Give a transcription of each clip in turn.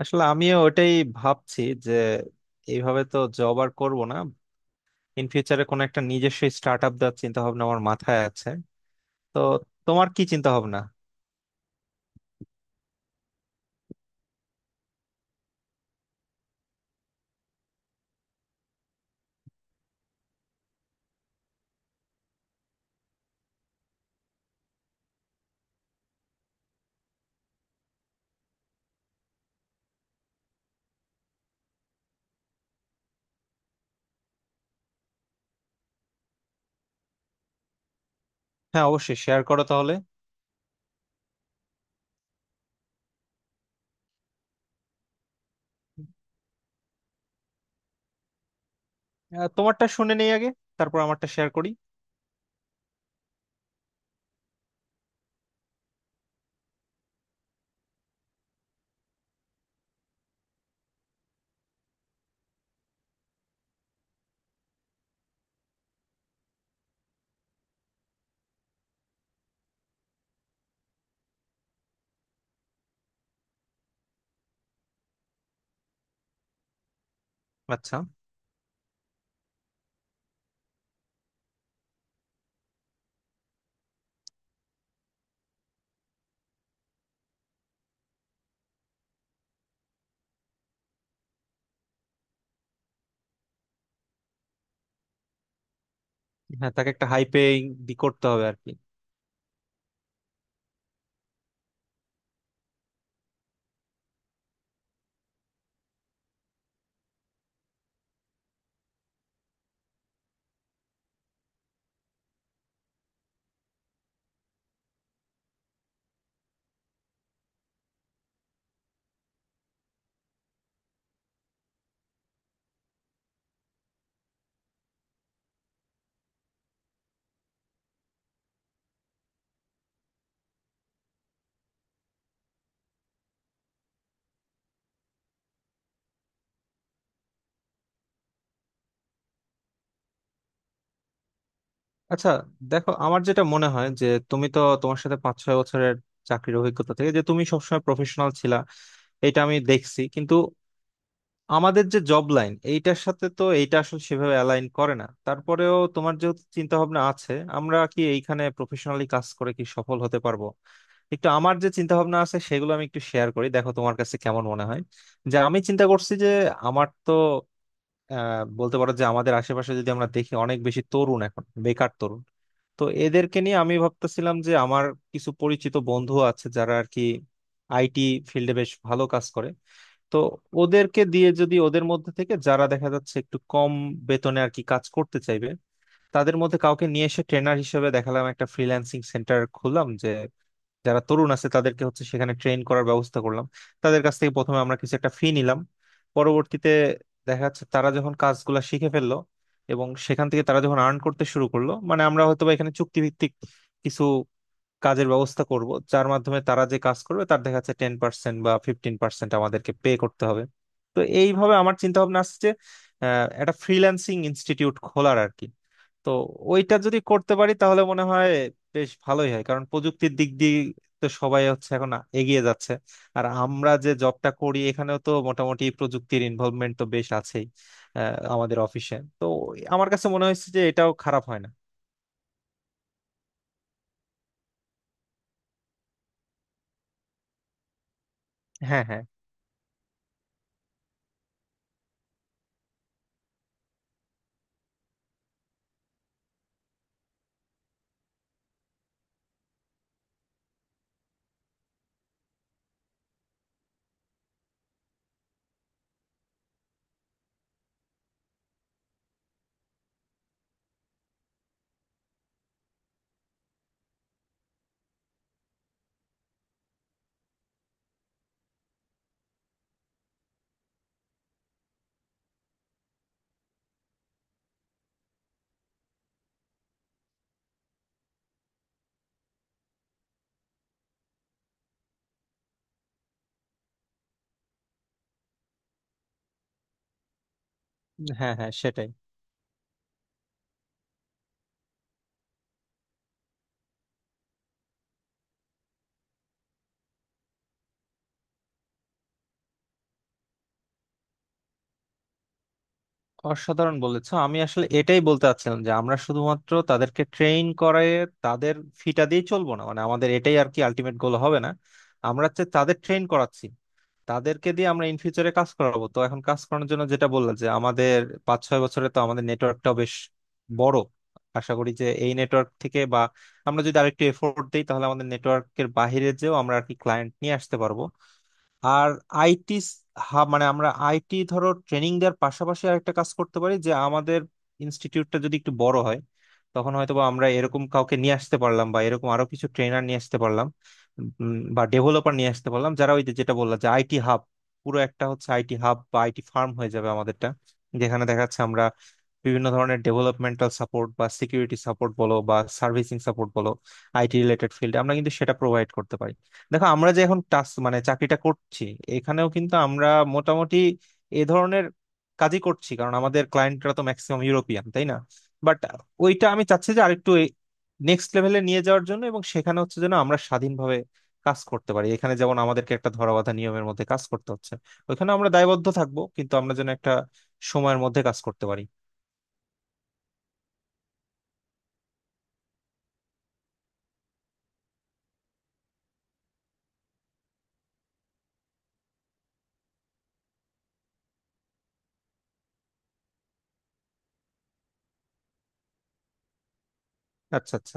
আসলে আমিও ওটাই ভাবছি যে এইভাবে তো জব আর করবো না। ইন ফিউচারে কোনো একটা নিজস্ব স্টার্ট আপ দেওয়ার চিন্তা ভাবনা আমার মাথায় আছে। তো তোমার কি চিন্তা ভাবনা? হ্যাঁ, অবশ্যই শেয়ার করো তাহলে। তোমারটা শুনে নেই আগে, তারপর আমারটা শেয়ার করি। আচ্ছা। হ্যাঁ, তাকে একটা হাই পেইং দি করতে হবে আর কি। আচ্ছা, দেখো আমার যেটা মনে হয় যে তুমি তো, তোমার সাথে 5-6 বছরের চাকরির অভিজ্ঞতা থেকে যে তুমি সবসময় প্রফেশনাল ছিলা, এটা আমি দেখছি। কিন্তু আমাদের যে জব লাইন এইটার সাথে তো এইটা আসলে সেভাবে অ্যালাইন করে না, তারপরেও তোমার যেহেতু চিন্তা ভাবনা আছে আমরা কি এইখানে প্রফেশনালি কাজ করে কি সফল হতে পারবো, একটু আমার যে চিন্তা ভাবনা আছে সেগুলো আমি একটু শেয়ার করি, দেখো তোমার কাছে কেমন মনে হয়। যে আমি চিন্তা করছি যে আমার তো আহ, বলতে পারো যে আমাদের আশেপাশে যদি আমরা দেখি অনেক বেশি তরুণ এখন, বেকার তরুণ। তো এদেরকে নিয়ে আমি ভাবতেছিলাম যে আমার কিছু পরিচিত বন্ধু আছে যারা আর কি আইটি ফিল্ডে বেশ ভালো কাজ করে। তো ওদেরকে দিয়ে, যদি ওদের মধ্যে থেকে যারা দেখা যাচ্ছে একটু কম বেতনে আর কি কাজ করতে চাইবে তাদের মধ্যে কাউকে নিয়ে এসে ট্রেনার হিসেবে দেখালাম, একটা ফ্রিল্যান্সিং সেন্টার খুললাম যে যারা তরুণ আছে তাদেরকে হচ্ছে সেখানে ট্রেন করার ব্যবস্থা করলাম। তাদের কাছ থেকে প্রথমে আমরা কিছু একটা ফি নিলাম। পরবর্তীতে দেখা যাচ্ছে তারা যখন কাজগুলা শিখে ফেললো এবং সেখান থেকে তারা যখন আর্ন করতে শুরু করলো, মানে আমরা হয়তো বা এখানে চুক্তিভিত্তিক কিছু কাজের ব্যবস্থা করব, যার মাধ্যমে তারা যে কাজ করবে তার দেখা যাচ্ছে 10% বা 15% আমাদেরকে পে করতে হবে। তো এইভাবে আমার চিন্তা ভাবনা আসছে যে একটা ফ্রিল্যান্সিং ইনস্টিটিউট খোলার আর কি। তো ওইটা যদি করতে পারি তাহলে মনে হয় বেশ ভালোই হয়, কারণ প্রযুক্তির দিক দিয়ে তো সবাই হচ্ছে এখন এগিয়ে যাচ্ছে। আর আমরা যে জবটা করি এখানেও তো মোটামুটি প্রযুক্তির ইনভলভমেন্ট তো বেশ আছেই। আহ, আমাদের অফিসে তো আমার কাছে মনে হয়েছে যে এটাও খারাপ হয় না। হ্যাঁ, হ্যাঁ। হ্যাঁ, হ্যাঁ, সেটাই। অসাধারণ বলেছো। আমি আসলে এটাই বলতে চাচ্ছিলাম যে আমরা শুধুমাত্র তাদেরকে ট্রেন করে তাদের ফিটা দিয়ে চলবো না, মানে আমাদের এটাই আর কি আলটিমেট গোল হবে না। আমরা হচ্ছে তাদের ট্রেন করাচ্ছি, তাদেরকে দিয়ে আমরা ইন ফিউচারে কাজ করাবো। তো এখন কাজ করানোর জন্য, যেটা বললাম যে আমাদের 5-6 বছরে তো আমাদের নেটওয়ার্কটাও বেশ বড়, আশা করি যে এই নেটওয়ার্ক থেকে বা আমরা যদি আরেকটু এফোর্ট দিই তাহলে আমাদের নেটওয়ার্কের বাইরে যেও আমরা আর কি ক্লায়েন্ট নিয়ে আসতে পারবো। আর আইটি হাব, মানে আমরা আইটি ধরো ট্রেনিং দেওয়ার পাশাপাশি আরেকটা কাজ করতে পারি যে আমাদের ইনস্টিটিউটটা যদি একটু বড় হয় তখন হয়তো বা আমরা এরকম কাউকে নিয়ে আসতে পারলাম বা এরকম আরো কিছু ট্রেনার নিয়ে আসতে পারলাম, বা ডেভেলপার নিয়ে আসতে পারলাম, যারা ওই যে, যেটা বললাম যে আইটি হাব, পুরো একটা হচ্ছে আইটি হাব বা আইটি ফার্ম হয়ে যাবে আমাদেরটা। যেখানে দেখা যাচ্ছে আমরা বিভিন্ন ধরনের ডেভেলপমেন্টাল সাপোর্ট বা সিকিউরিটি সাপোর্ট বলো বা সার্ভিসিং সাপোর্ট বলো, আইটি রিলেটেড ফিল্ড, আমরা কিন্তু সেটা প্রোভাইড করতে পারি। দেখো আমরা যে এখন টাস্ক, মানে চাকরিটা করছি, এখানেও কিন্তু আমরা মোটামুটি এ ধরনের কাজই করছি, কারণ আমাদের ক্লায়েন্টরা তো ম্যাক্সিমাম ইউরোপিয়ান, তাই না? বাট ওইটা আমি চাচ্ছি যে আরেকটু নেক্সট লেভেলে নিয়ে যাওয়ার জন্য, এবং সেখানে হচ্ছে যেন আমরা স্বাধীনভাবে কাজ করতে পারি। এখানে যেমন আমাদেরকে একটা ধরাবাঁধা নিয়মের মধ্যে কাজ করতে হচ্ছে, ওইখানে আমরা দায়বদ্ধ থাকবো কিন্তু আমরা যেন একটা সময়ের মধ্যে কাজ করতে পারি। আচ্ছা, আচ্ছা।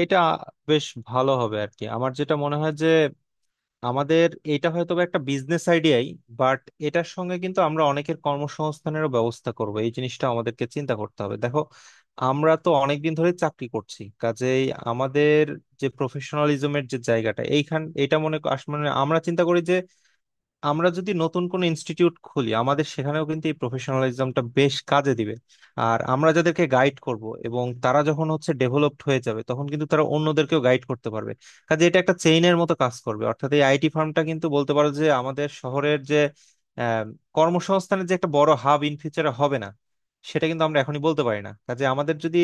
এটা বেশ ভালো হবে আর কি। আমার যেটা মনে হয় যে আমাদের এটা হয়তো বা একটা বিজনেস আইডিয়াই, বাট এটার সঙ্গে কিন্তু আমরা অনেকের কর্মসংস্থানেরও ব্যবস্থা করব, এই জিনিসটা আমাদেরকে চিন্তা করতে হবে। দেখো আমরা তো অনেকদিন ধরে চাকরি করছি, কাজেই আমাদের যে প্রফেশনালিজমের যে জায়গাটা এইখান, এটা মনে মানে আমরা চিন্তা করি যে আমরা যদি নতুন কোনো ইনস্টিটিউট খুলি আমাদের সেখানেও কিন্তু এই প্রফেশনালিজমটা বেশ কাজে দিবে। আর আমরা যাদেরকে গাইড করব এবং তারা যখন হচ্ছে ডেভেলপড হয়ে যাবে তখন কিন্তু তারা অন্যদেরকেও গাইড করতে পারবে। কাজে এটা একটা চেইনের মতো কাজ করবে, অর্থাৎ এই আইটি ফার্মটা কিন্তু বলতে পারো যে আমাদের শহরের যে আহ, কর্মসংস্থানের যে একটা বড় হাব ইন ফিউচারে হবে না, সেটা কিন্তু আমরা এখনই বলতে পারি না। কাজে আমাদের যদি,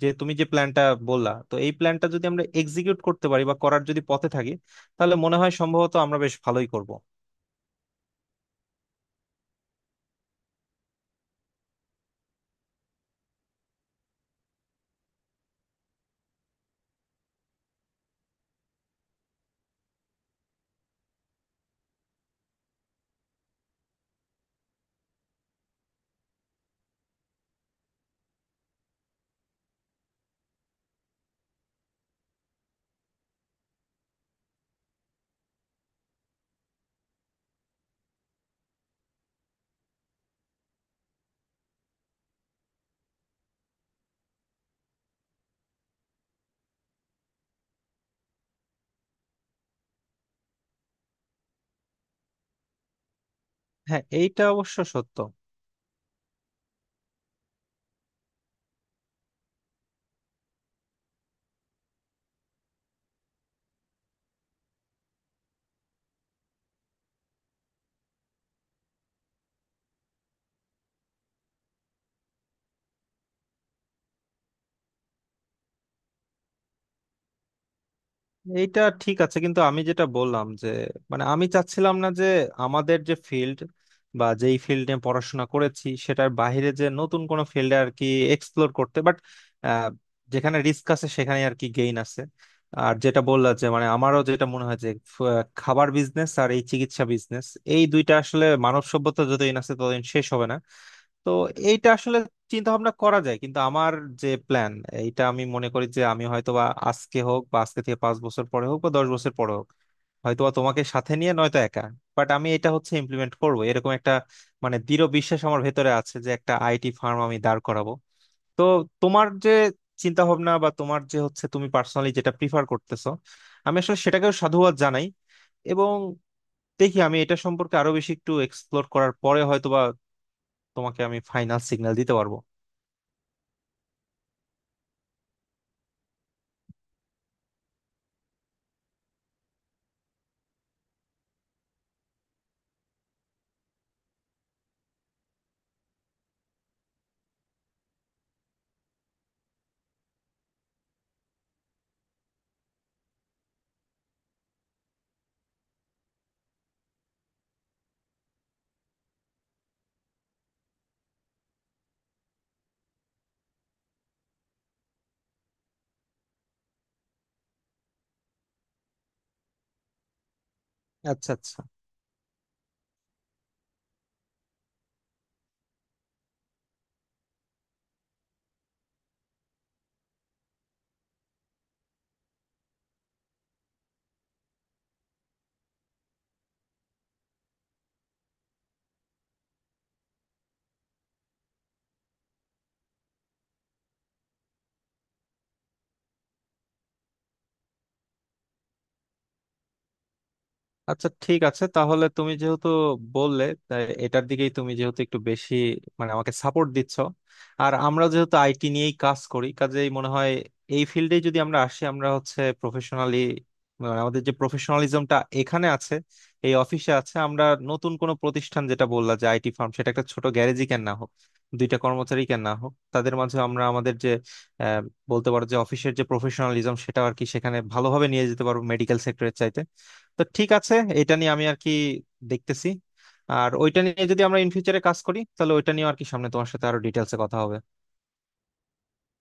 যে তুমি যে প্ল্যানটা বললা, তো এই প্ল্যানটা যদি আমরা এক্সিকিউট করতে পারি বা করার যদি পথে থাকি তাহলে মনে হয় সম্ভবত আমরা বেশ ভালোই করব। হ্যাঁ, এইটা অবশ্য সত্য। এইটা ঠিক আছে, কিন্তু আমি যেটা বললাম যে মানে আমি চাচ্ছিলাম না যে আমাদের যে ফিল্ড বা যেই ফিল্ড নিয়ে পড়াশোনা করেছি সেটার বাইরে যে নতুন কোনো ফিল্ডে আর কি এক্সপ্লোর করতে। বাট যেখানে রিস্ক আছে সেখানে আর কি গেইন আছে। আর যেটা বললা যে, মানে আমারও যেটা মনে হয় যে খাবার বিজনেস আর এই চিকিৎসা বিজনেস, এই দুইটা আসলে মানব সভ্যতা যতদিন আছে ততদিন শেষ হবে না। তো এইটা আসলে চিন্তা ভাবনা করা যায়, কিন্তু আমার যে প্ল্যান, এইটা আমি মনে করি যে আমি হয়তো বা আজকে হোক বা আজকে থেকে 5 বছর পরে হোক বা 10 বছর পরে হোক, হয়তো বা তোমাকে সাথে নিয়ে নয়তো একা, বাট আমি এটা হচ্ছে ইমপ্লিমেন্ট করব, এরকম একটা মানে দৃঢ় বিশ্বাস আমার ভেতরে আছে যে একটা আইটি ফার্ম আমি দাঁড় করাবো। তো তোমার যে চিন্তা ভাবনা বা তোমার যে হচ্ছে তুমি পার্সোনালি যেটা প্রিফার করতেছো, আমি আসলে সেটাকেও সাধুবাদ জানাই। এবং দেখি আমি এটা সম্পর্কে আরো বেশি একটু এক্সপ্লোর করার পরে হয়তোবা তোমাকে আমি ফাইনাল সিগন্যাল দিতে পারবো। আচ্ছা, আচ্ছা। আচ্ছা, ঠিক আছে তাহলে তুমি যেহেতু বললে, তাই এটার দিকেই তুমি যেহেতু একটু বেশি মানে আমাকে সাপোর্ট দিচ্ছ, আর আমরা যেহেতু আইটি নিয়েই কাজ করি কাজেই মনে হয় এই ফিল্ডে যদি আমরা আসি আমরা হচ্ছে প্রফেশনালি, আমাদের যে প্রফেশনালিজমটা এখানে আছে, এই অফিসে আছে, আমরা নতুন কোনো প্রতিষ্ঠান, যেটা বললা যে আইটি ফার্ম, সেটা একটা ছোট গ্যারেজই কেন না হোক, দুইটা কর্মচারী কেন না হোক, তাদের মাঝে আমরা আমাদের যে আহ, বলতে পারো যে অফিসের যে প্রফেশনালিজম সেটা আর কি সেখানে ভালোভাবে নিয়ে যেতে পারবো মেডিকেল সেক্টরের চাইতে। তো ঠিক আছে, এটা নিয়ে আমি আর কি দেখতেছি। আর ওইটা নিয়ে যদি আমরা ইন ফিউচারে কাজ করি তাহলে ওইটা নিয়ে আর কি সামনে তোমার সাথে আরো ডিটেলসে কথা হবে।